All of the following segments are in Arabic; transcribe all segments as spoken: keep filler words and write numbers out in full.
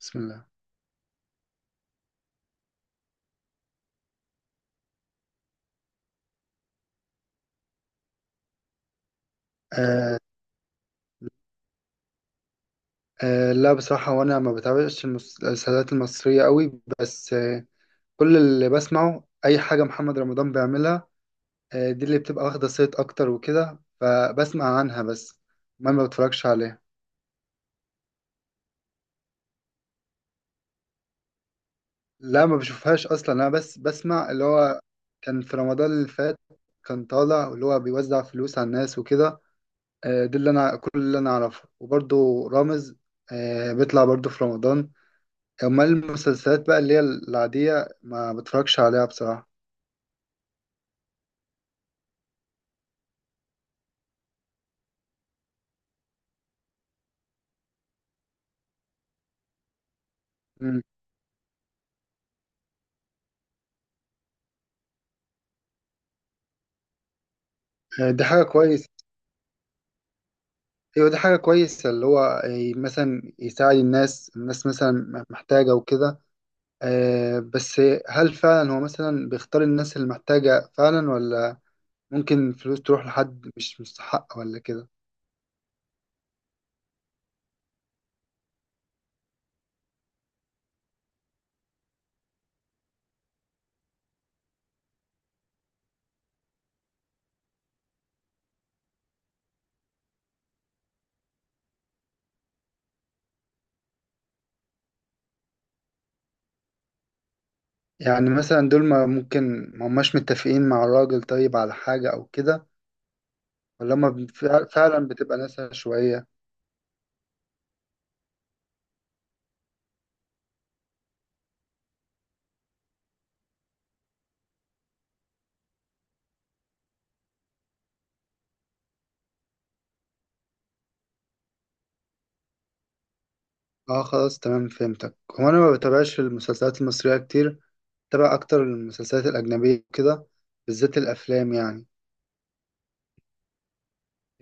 بسم الله. آه آه لا بصراحة، وانا ما بتابعش المس- المسلسلات المصرية قوي، بس آه كل اللي بسمعه اي حاجة محمد رمضان بيعملها. آه، دي اللي بتبقى واخدة صيت اكتر وكده، فبسمع عنها بس. ما ما بتفرجش عليها. لا ما بشوفهاش اصلا، انا بس بسمع اللي هو كان في رمضان اللي فات، كان طالع اللي هو بيوزع فلوس على الناس وكده. آه دي اللي انا، كل اللي انا اعرفه. وبرضه رامز آه بيطلع برضه في رمضان. امال المسلسلات بقى اللي هي العادية ما بتفرجش عليها بصراحة. مم. آه، دي حاجة كويسة. ايوه دي حاجة كويسة، اللي هو ي- مثلا يساعد الناس الناس مثلا محتاجة وكده. آه، بس هل فعلا هو مثلا بيختار الناس اللي محتاجة فعلا، ولا ممكن الفلوس تروح لحد مش مستحق ولا كده؟ يعني مثلا دول، ما ممكن ما هماش متفقين مع الراجل طيب على حاجة او كده؟ ولا هما فع- فعلا بتبقى ناس عشوائية؟ اه خلاص تمام فهمتك. هو انا ما بتابعش المسلسلات المصرية كتير، بتابع اكتر المسلسلات الاجنبية كده، بالذات الافلام يعني.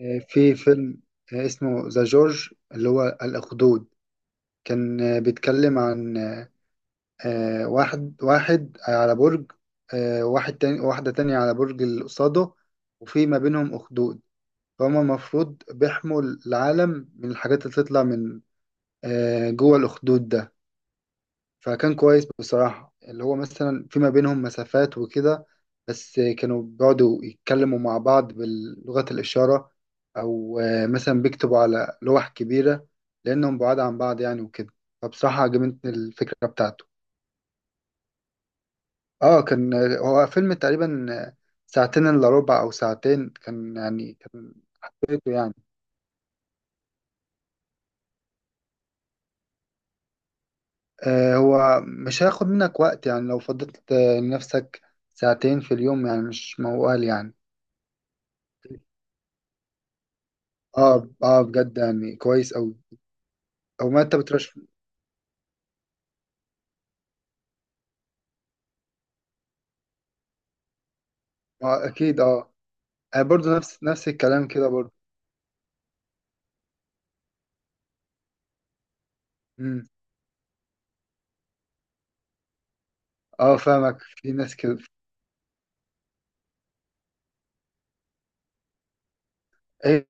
آه، في فيلم آه، اسمه ذا جورج، اللي هو الاخدود. كان آه، بيتكلم عن آه، آه، واحد واحد على برج، آه، واحد تاني، واحدة تانية على برج اللي قصاده، وفي ما بينهم اخدود، فهما المفروض بيحموا العالم من الحاجات اللي تطلع من آه، جوه الاخدود ده. فكان كويس بصراحة، اللي هو مثلا فيما بينهم مسافات وكده، بس كانوا بيقعدوا يتكلموا مع بعض بلغة الإشارة، أو آه، مثلا بيكتبوا على لوح كبيرة، لأنهم بعاد عن بعض يعني وكده. فبصراحة عجبتني الفكرة بتاعته. اه، كان آه، هو فيلم تقريبا آه، ساعتين إلا ربع أو ساعتين، كان يعني كان حبيته يعني. آه، هو مش هياخد منك وقت يعني، لو فضلت آه، لنفسك ساعتين في اليوم، يعني مش موال يعني. اه اه، بجد يعني كويس أوي. او ما انت بترش آه اكيد اه. انا برضو نفس نفس الكلام كده برضو. امم، اه فاهمك، في ناس كده. هي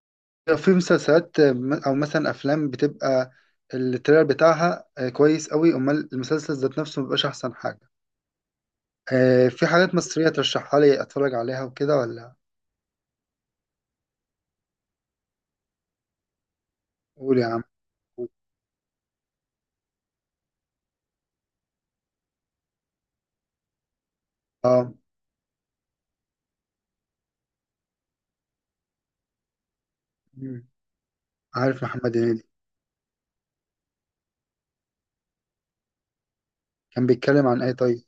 في مسلسلات آه، م- او مثلا افلام بتبقى التريلر بتاعها آه، كويس أوي، امال المسلسل ذات نفسه مبيبقاش احسن حاجة. آه، في حاجات مصرية ترشحها لي اتفرج عليها وكده ولا؟ قول يا عم. قول. اه. مم. عارف محمد هنيدي. كان بيتكلم عن ايه طيب؟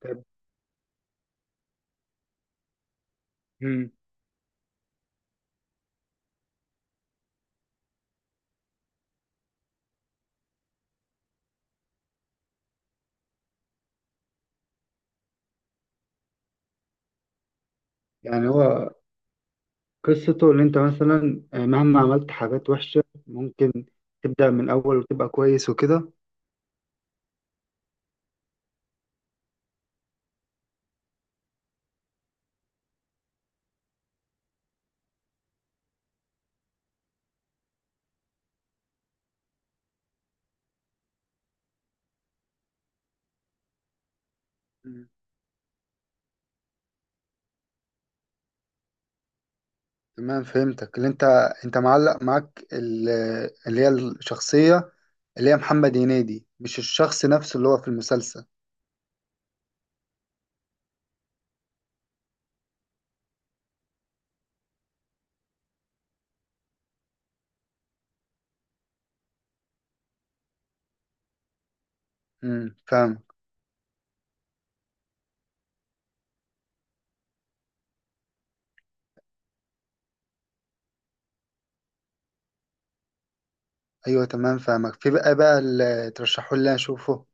طيب. مم. يعني هو قصته اللي انت مثلا آه، مهما عملت حاجات وحشة ممكن تبدأ من الأول وتبقى كويس وكده؟ مم. تمام فهمتك، اللي انت انت معلق معاك ال- اللي هي الشخصية، اللي هي محمد هنيدي، مش الشخص نفسه اللي هو في المسلسل. امم فاهمك. ايوه تمام فاهمك. في بقى بقى اللي ترشحوا لي اشوفه؟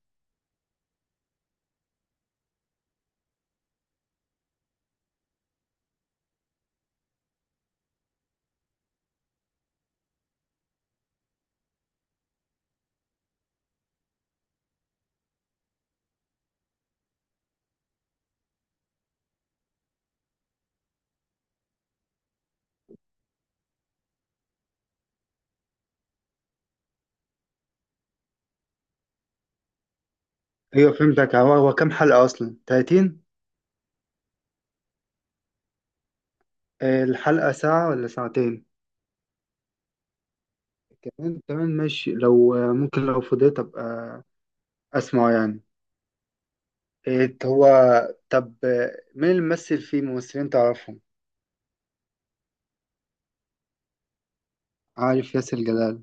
ايوه فهمتك. هو هو كام حلقة أصلا؟ تلاتين؟ آه، الحلقة ساعة ولا ساعتين؟ كمان تمام ماشي. لو آه، ممكن لو فضيت أبقى أسمعه يعني. إيه هو؟ طب مين اللي ممثل فيه؟ ممثلين تعرفهم؟ عارف ياسر جلال.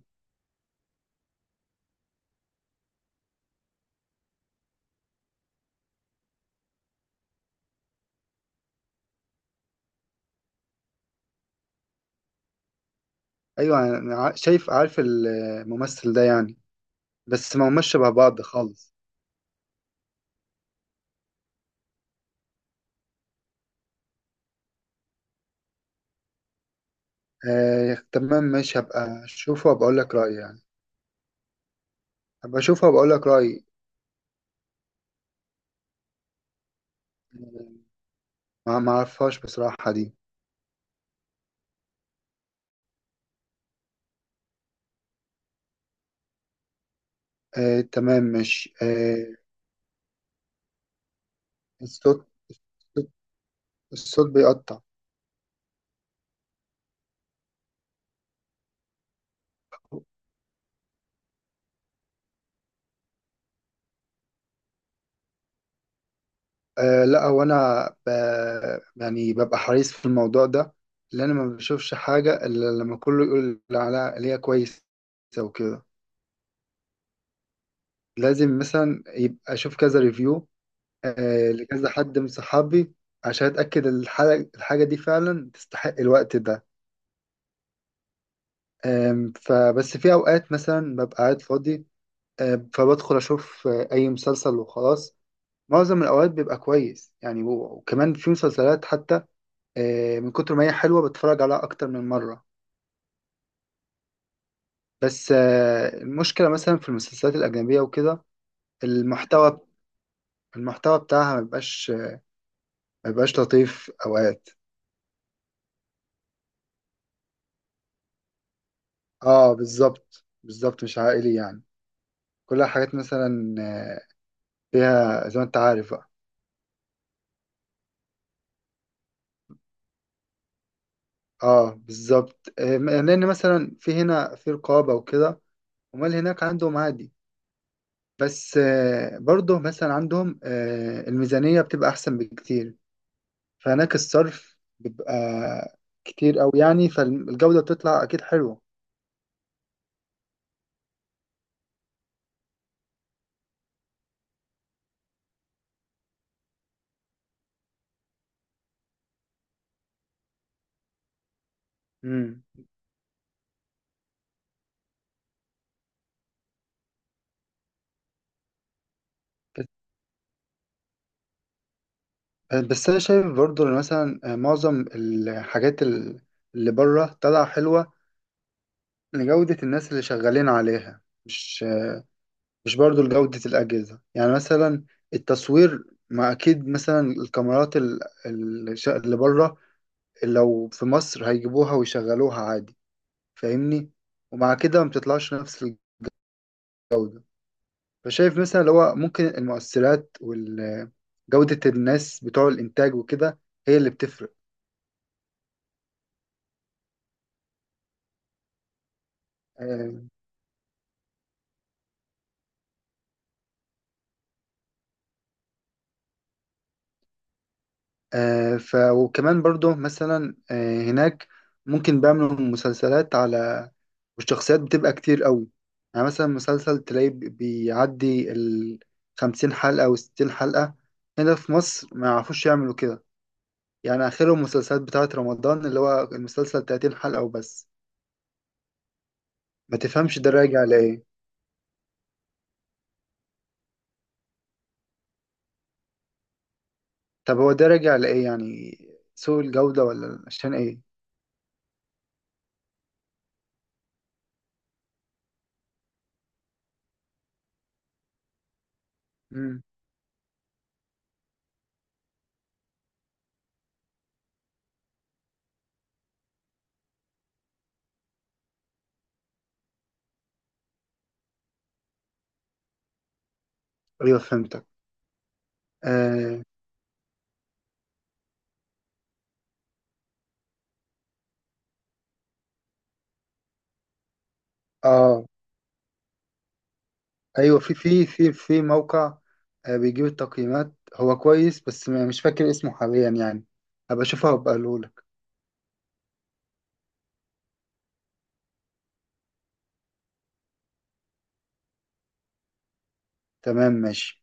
ايوه أنا ع- شايف، عارف الممثل ده يعني. بس ما هماش شبه بعض خالص. آه تمام ماشي، هبقى اشوفه وبقول لك رأيي يعني. هبقى اشوفه وبقول لك رأيي. ما ما اعرفهاش بصراحة دي. آه تمام ماشي آه. الصوت الصوت الصوت بيقطع. آه لا هو انا ب... يعني ببقى حريص في الموضوع ده، لان انا ما بشوفش حاجه الا لما كله يقول على اللي هي كويسه وكده. لازم مثلا يبقى اشوف كذا ريفيو، آه لكذا حد من صحابي، عشان اتاكد الحاجه، الحاجه دي فعلا تستحق الوقت ده. آم، فبس في اوقات مثلا ببقى قاعد فاضي، آه فبدخل اشوف آه، اي مسلسل وخلاص. معظم الاوقات بيبقى كويس يعني، و- وكمان في مسلسلات حتى آه، من كتر ما هي حلوة بتفرج عليها أكتر من مرة. بس آه، المشكلة مثلا في المسلسلات الأجنبية وكده، المحتوى، المحتوى بتاعها ما بيبقاش، ما بيبقاش لطيف أوقات. اه بالظبط، بالظبط مش عائلي يعني، كلها حاجات مثلا آه، فيها زي ما انت عارف بقى. اه بالظبط، آه، لأن مثلا في هنا في رقابة وكده. أمال هناك عندهم عادي. بس آه، برضه مثلا عندهم آه، الميزانية بتبقى أحسن بكتير، فهناك الصرف بيبقى كتير أوي يعني، فالجودة بتطلع أكيد حلوة. مم. بس، بس أنا شايف برضو إن مثلا معظم الحاجات ال- اللي بره طالعة حلوة لجودة الناس اللي شغالين عليها، مش، مش برضو لجودة الأجهزة. يعني مثلا التصوير، ما أكيد مثلا الكاميرات ال- ال- اللي بره، لو في مصر هيجيبوها ويشغلوها عادي، فاهمني، ومع كده ما بتطلعش نفس. فشايف مثلا اللي هو ممكن المؤثرات وجودة الناس بتوع الإنتاج وكده هي اللي بتفرق. آه، آه، ف وكمان برضو مثلا آه، هناك ممكن بيعملوا مسلسلات على، والشخصيات بتبقى كتير قوي. يعني مثلا مسلسل تلاقيه بي- بيعدي ال خمسين حلقة و ستين حلقة. هنا في مصر ما يعرفوش يعملوا كده، يعني آخرهم المسلسلات بتاعة رمضان اللي هو المسلسل تلاتين حلقة وبس. ما تفهمش ده راجع لإيه؟ طب هو ده راجع لإيه يعني، سوء الجودة ولا عشان إيه؟ مم. أيوه فهمتك. آه, آه أيوه، في، في، في، في موقع آه بيجيب التقييمات، هو كويس، بس م- مش فاكر اسمه حاليا يعني. هبقى أشوفه وأبقى أقولهولك. تمام ماشي.